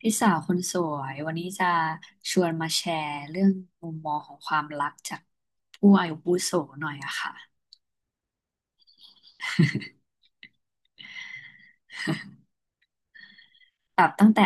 พี่สาวคนสวยวันนี้จะชวนมาแชร์เรื่องมุมมองของความรักจากผู้อายุวุโสหน่อยอะค่ะแบบตั้งแต่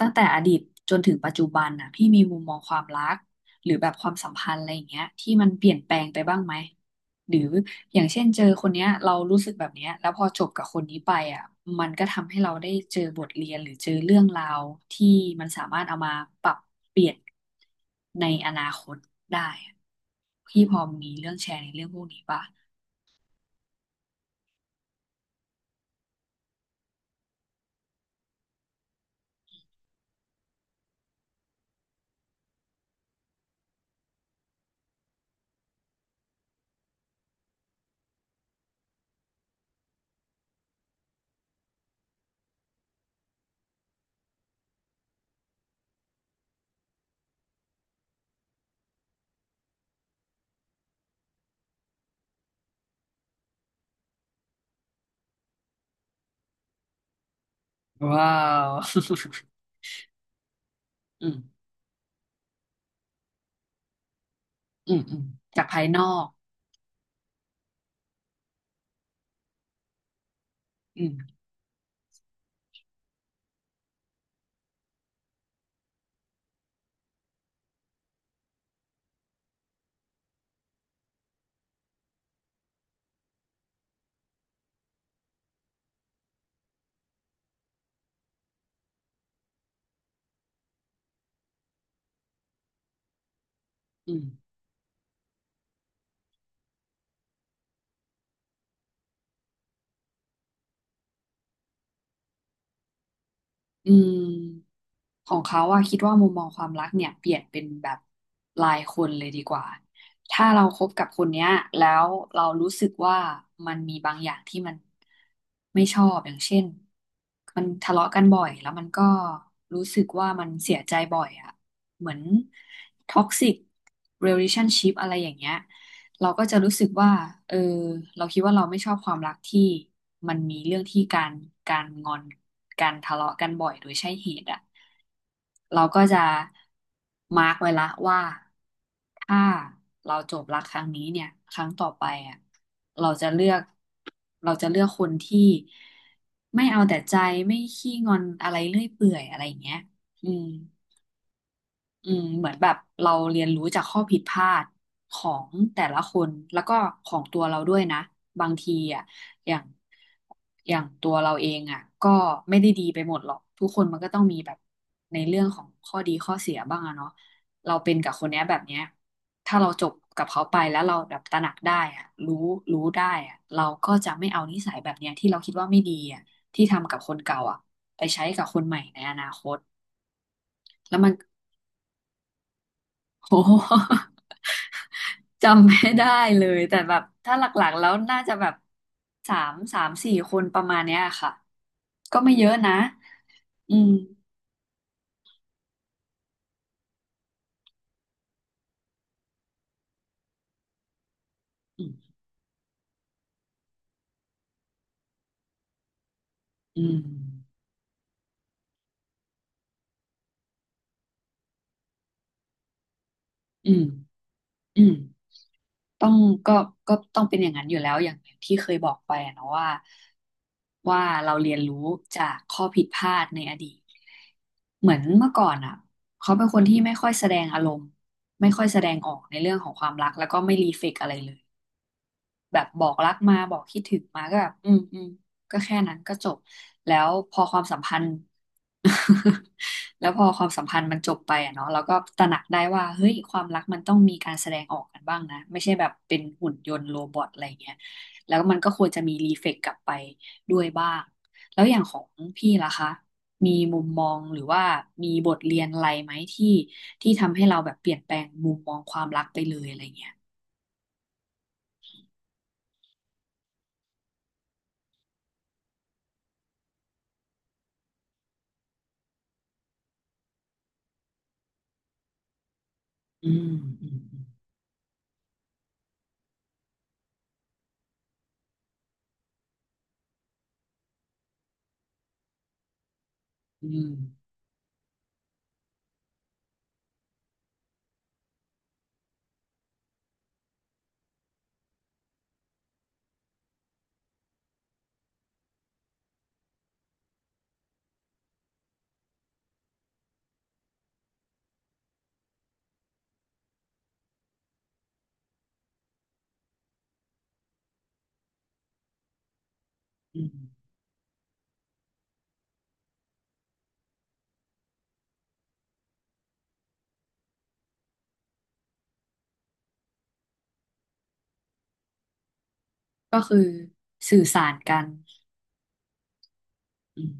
ตั้งแต่อดีตจนถึงปัจจุบันน่ะพี่มีมุมมองความรักหรือแบบความสัมพันธ์อะไรอย่างเงี้ยที่มันเปลี่ยนแปลงไปบ้างไหมหรืออย่างเช่นเจอคนเนี้ยเรารู้สึกแบบเนี้ยแล้วพอจบกับคนนี้ไปอ่ะมันก็ทำให้เราได้เจอบทเรียนหรือเจอเรื่องราวที่มันสามารถเอามาปรับเปลี่ยนในอนาคตได้อะพี่พอมีเรื่องแชร์ในเรื่องพวกนี้ป่ะว้าว อืมอืมอืมจากภายนอกอืมอืม อืมของเขาอะคิดว่ามุมมองความรักเนี่ยเปลี่ยนเป็นแบบรายคนเลยดีกว่าถ้าเราคบกับคนเนี้ยแล้วเรารู้สึกว่ามันมีบางอย่างที่มันไม่ชอบอย่างเช่นมันทะเลาะกันบ่อยแล้วมันก็รู้สึกว่ามันเสียใจบ่อยอะเหมือนท็อกซิกเรล t ชั่นชิพอะไรอย่างเงี้ย เราก็จะรู้สึกว่าเออเราคิดว่าเราไม่ชอบความรักที่มันมีเรื่องที่การงอนการทะเลาะกันบ่อยโดยใช่เหตุอ่ะเราก็จะมาร์กไว้ละว่า ถ้าเราจบรักครั้งนี้เนี่ยครั้งต่อไปอ่ะเราจะเลือกเราจะเลือกคนที่ไม่เอาแต่ใจไม่ขี้งอนอะไรเรื่อยเปื่อยอะไรอย่างเงี้ยอืม อืมเหมือนแบบเราเรียนรู้จากข้อผิดพลาดของแต่ละคนแล้วก็ของตัวเราด้วยนะบางทีอ่ะอย่างอย่างตัวเราเองอ่ะก็ไม่ได้ดีไปหมดหรอกทุกคนมันก็ต้องมีแบบในเรื่องของข้อดีข้อเสียบ้างอะเนาะเราเป็นกับคนเนี้ยแบบเนี้ยถ้าเราจบกับเขาไปแล้วเราแบบตระหนักได้อ่ะรู้ได้อ่ะเราก็จะไม่เอานิสัยแบบเนี้ยที่เราคิดว่าไม่ดีอ่ะที่ทำกับคนเก่าอ่ะไปใช้กับคนใหม่ในอนาคตแล้วมัน โอ้โห จำไม่ได้เลยแต่แบบถ้าหลักๆแล้วน่าจะแบบสามสามสี่คนประมาณเนี้ยค่ะก็ไม่เยอะนะอืมอืมอืมอืมอืมต้องก็ก็ต้องเป็นอย่างนั้นอยู่แล้วอย่างที่เคยบอกไปอะเนาะว่าเราเรียนรู้จากข้อผิดพลาดในอดีตเหมือนเมื่อก่อนอ่ะเขาเป็นคนที่ไม่ค่อยแสดงอารมณ์ไม่ค่อยแสดงออกในเรื่องของความรักแล้วก็ไม่รีเฟกอะไรเลย แบบบอกรักมาบอกคิดถึงมาก็แบบอืมอืมก็แค่นั้นก็จบแล้วพอความสัมพันธ์ แล้วพอความสัมพันธ์มันจบไปอะเนาะเราก็ตระหนักได้ว่าเฮ้ยความรักมันต้องมีการแสดงออกกันบ้างนะไม่ใช่แบบเป็นหุ่นยนต์โรบอทอะไรเงี้ยแล้วมันก็ควรจะมีรีเฟกกลับไปด้วยบ้างแล้วอย่างของพี่ล่ะคะมีมุมมองหรือว่ามีบทเรียนอะไรไหมที่ที่ทำให้เราแบบเปลี่ยนแปลงมุมมองความรักไปเลยอะไรเงี้ยอืมอืมอืม อืมก็คือสื่อสารกันอืม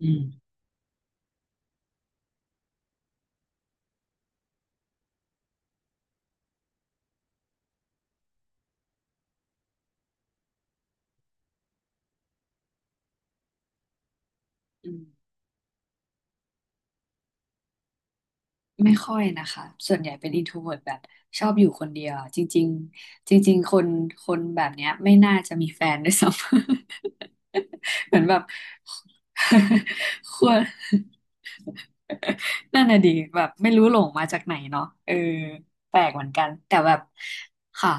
อืมอืมไม่ค่อยนะคะส่วนใหญ่เป็น introvert แบบชอบอยู่คนเดียวจริงๆจริงๆคนแบบเนี้ยไม่น่าจะมีแฟนด้วยซ้ำ เหมือนแบบ ควรนั่นน่ะดิแบบไม่รู้หลงมาจากไหนเนาะเออแปลกเหมือนกันแต่แบบค่ะ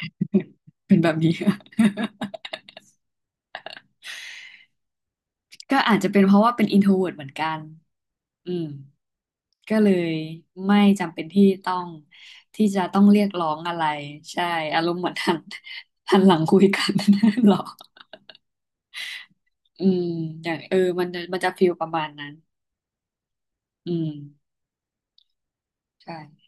เป็นแบบนี้ ก็อาจจะเป็นเพราะว่าเป็น introvert เหมือนกันอืมก็เลยไม่จำเป็นที่ต้องที่จะต้องเรียกร้องอะไรใช่อารมณ์เหมือนหัน หันหลังคุยกัน หรออืมอย่างเออมันจะฟีลประมาณนั้น อืมใช่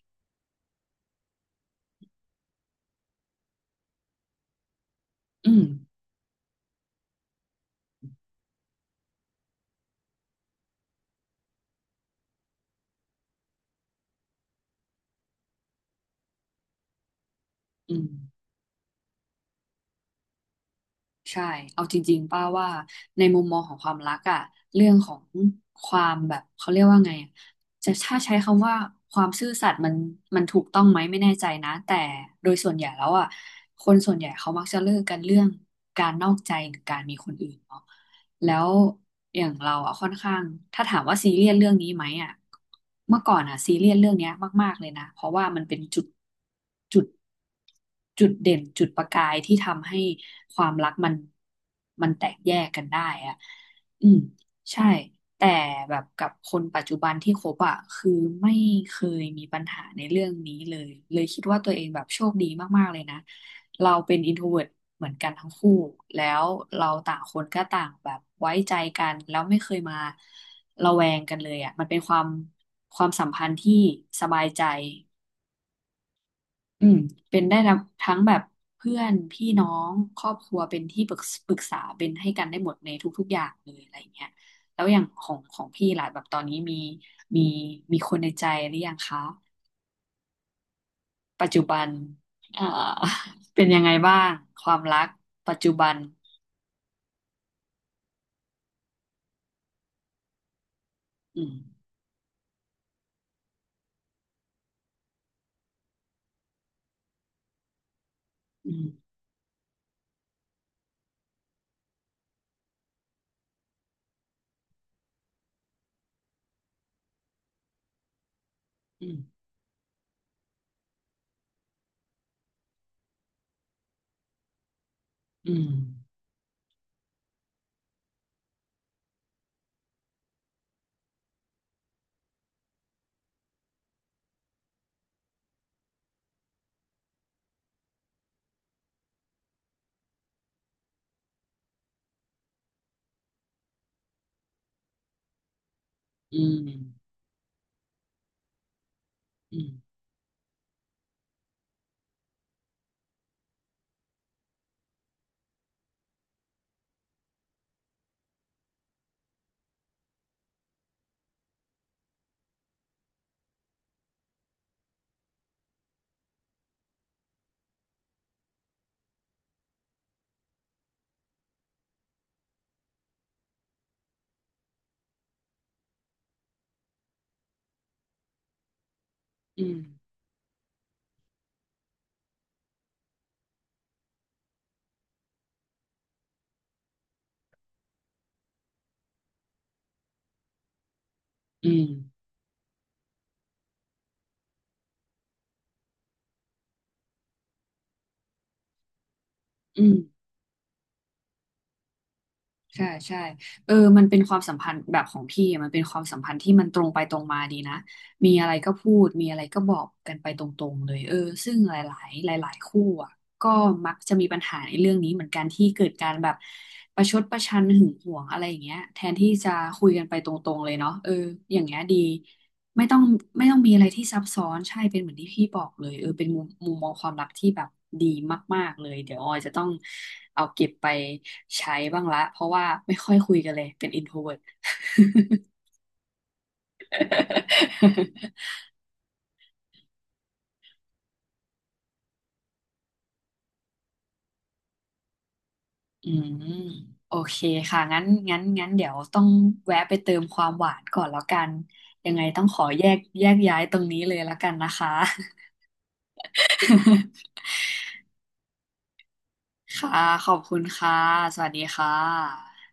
อืมอืม ใช่เอาจริงๆป้าว่าในมุมมองของความรักอะเรื่องของความแบบเขาเรียกว่าไงอะจะถ้าใช้คำว่าความซื่อสัตย์มันมันถูกต้องไหมไม่แน่ใจนะแต่โดยส่วนใหญ่แล้วอะคนส่วนใหญ่เขามักจะเลิกกันเรื่องการนอกใจหรือการมีคนอื่นเนาะ แล้วอย่างเราอ่ะค่อนข้างถ้าถามว่าซีเรียสเรื่องนี้ไหมอ่ะเมื่อก่อนอ่ะซีเรียสเรื่องเนี้ยมากๆเลยนะเพราะว่ามันเป็นจุดจุดจุดเด่นจุดประกายที่ทำให้ความรักมันแตกแยกกันได้อ่ะอืมใช่ แต่แบบกับคนปัจจุบันที่คบอ่ะคือไม่เคยมีปัญหาในเรื่องนี้เลยเลยคิดว่าตัวเองแบบโชคดีมากๆเลยนะเราเป็นอินโทรเวิร์เหมือนกันทั้งคู่แล้วเราต่างคนก็ต่างแบบไว้ใจกันแล้วไม่เคยมาระแวงกันเลยอ่ะมันเป็นความสัมพันธ์ที่สบายใจ อืมเป็นได้ทั้งแบบเพื่อนพี่น้องครอบครัวเป็นที่ปรึกษาเป็นให้กันได้หมดในทุกๆอย่างเลยอะไรอย่างเงี้ยแล้วอย่างของพี่ล่ะแบบตอนนี้มีมีมีคนในใจหรือยังคะปัจจุบันเอ่อ เป็นยังไงบ้างความรักปัจจุบันอืมอืมอืมอืมอืมอืมอืมอืมอืม ใช่ใช่เออมันเป็นความสัมพันธ์แบบของพี่อะมันเป็นความสัมพันธ์ที่มันตรงไปตรงมาดีนะมีอะไรก็พูดมีอะไรก็บอกกันไปตรงๆเลยเออซึ่งหลายๆหลายๆคู่อ่ะก็มักจะมีปัญหาในเรื่องนี้เหมือนกันที่เกิดการแบบประชดประชันหึงหวงอะไรอย่างเงี้ยแทนที่จะคุยกันไปตรงๆเลยเนาะเอออย่างเงี้ยดี ไม่ต้องไม่ต้องมีอะไรที่ซับซ้อนใช่เป็นเหมือนที่พี่บอกเลยเออเป็นมุมมองความรักที่แบบดีมากๆเลยเดี๋ยวออยจะต้องเอาเก็บไปใช้บ้างละเพราะว่าไม่ค่อยคุยกันเลยเป็น introvert อืมโอเคค่ะงั้นงั้นเดี๋ยวต้องแวะไปเติมความหวานก่อนแล้วกันยังไงต้องขอแยกย้ายตรงนี้เลยแล้วกันนะคะ ค่ะขอบคุณค่ะสวัสดีค่ะ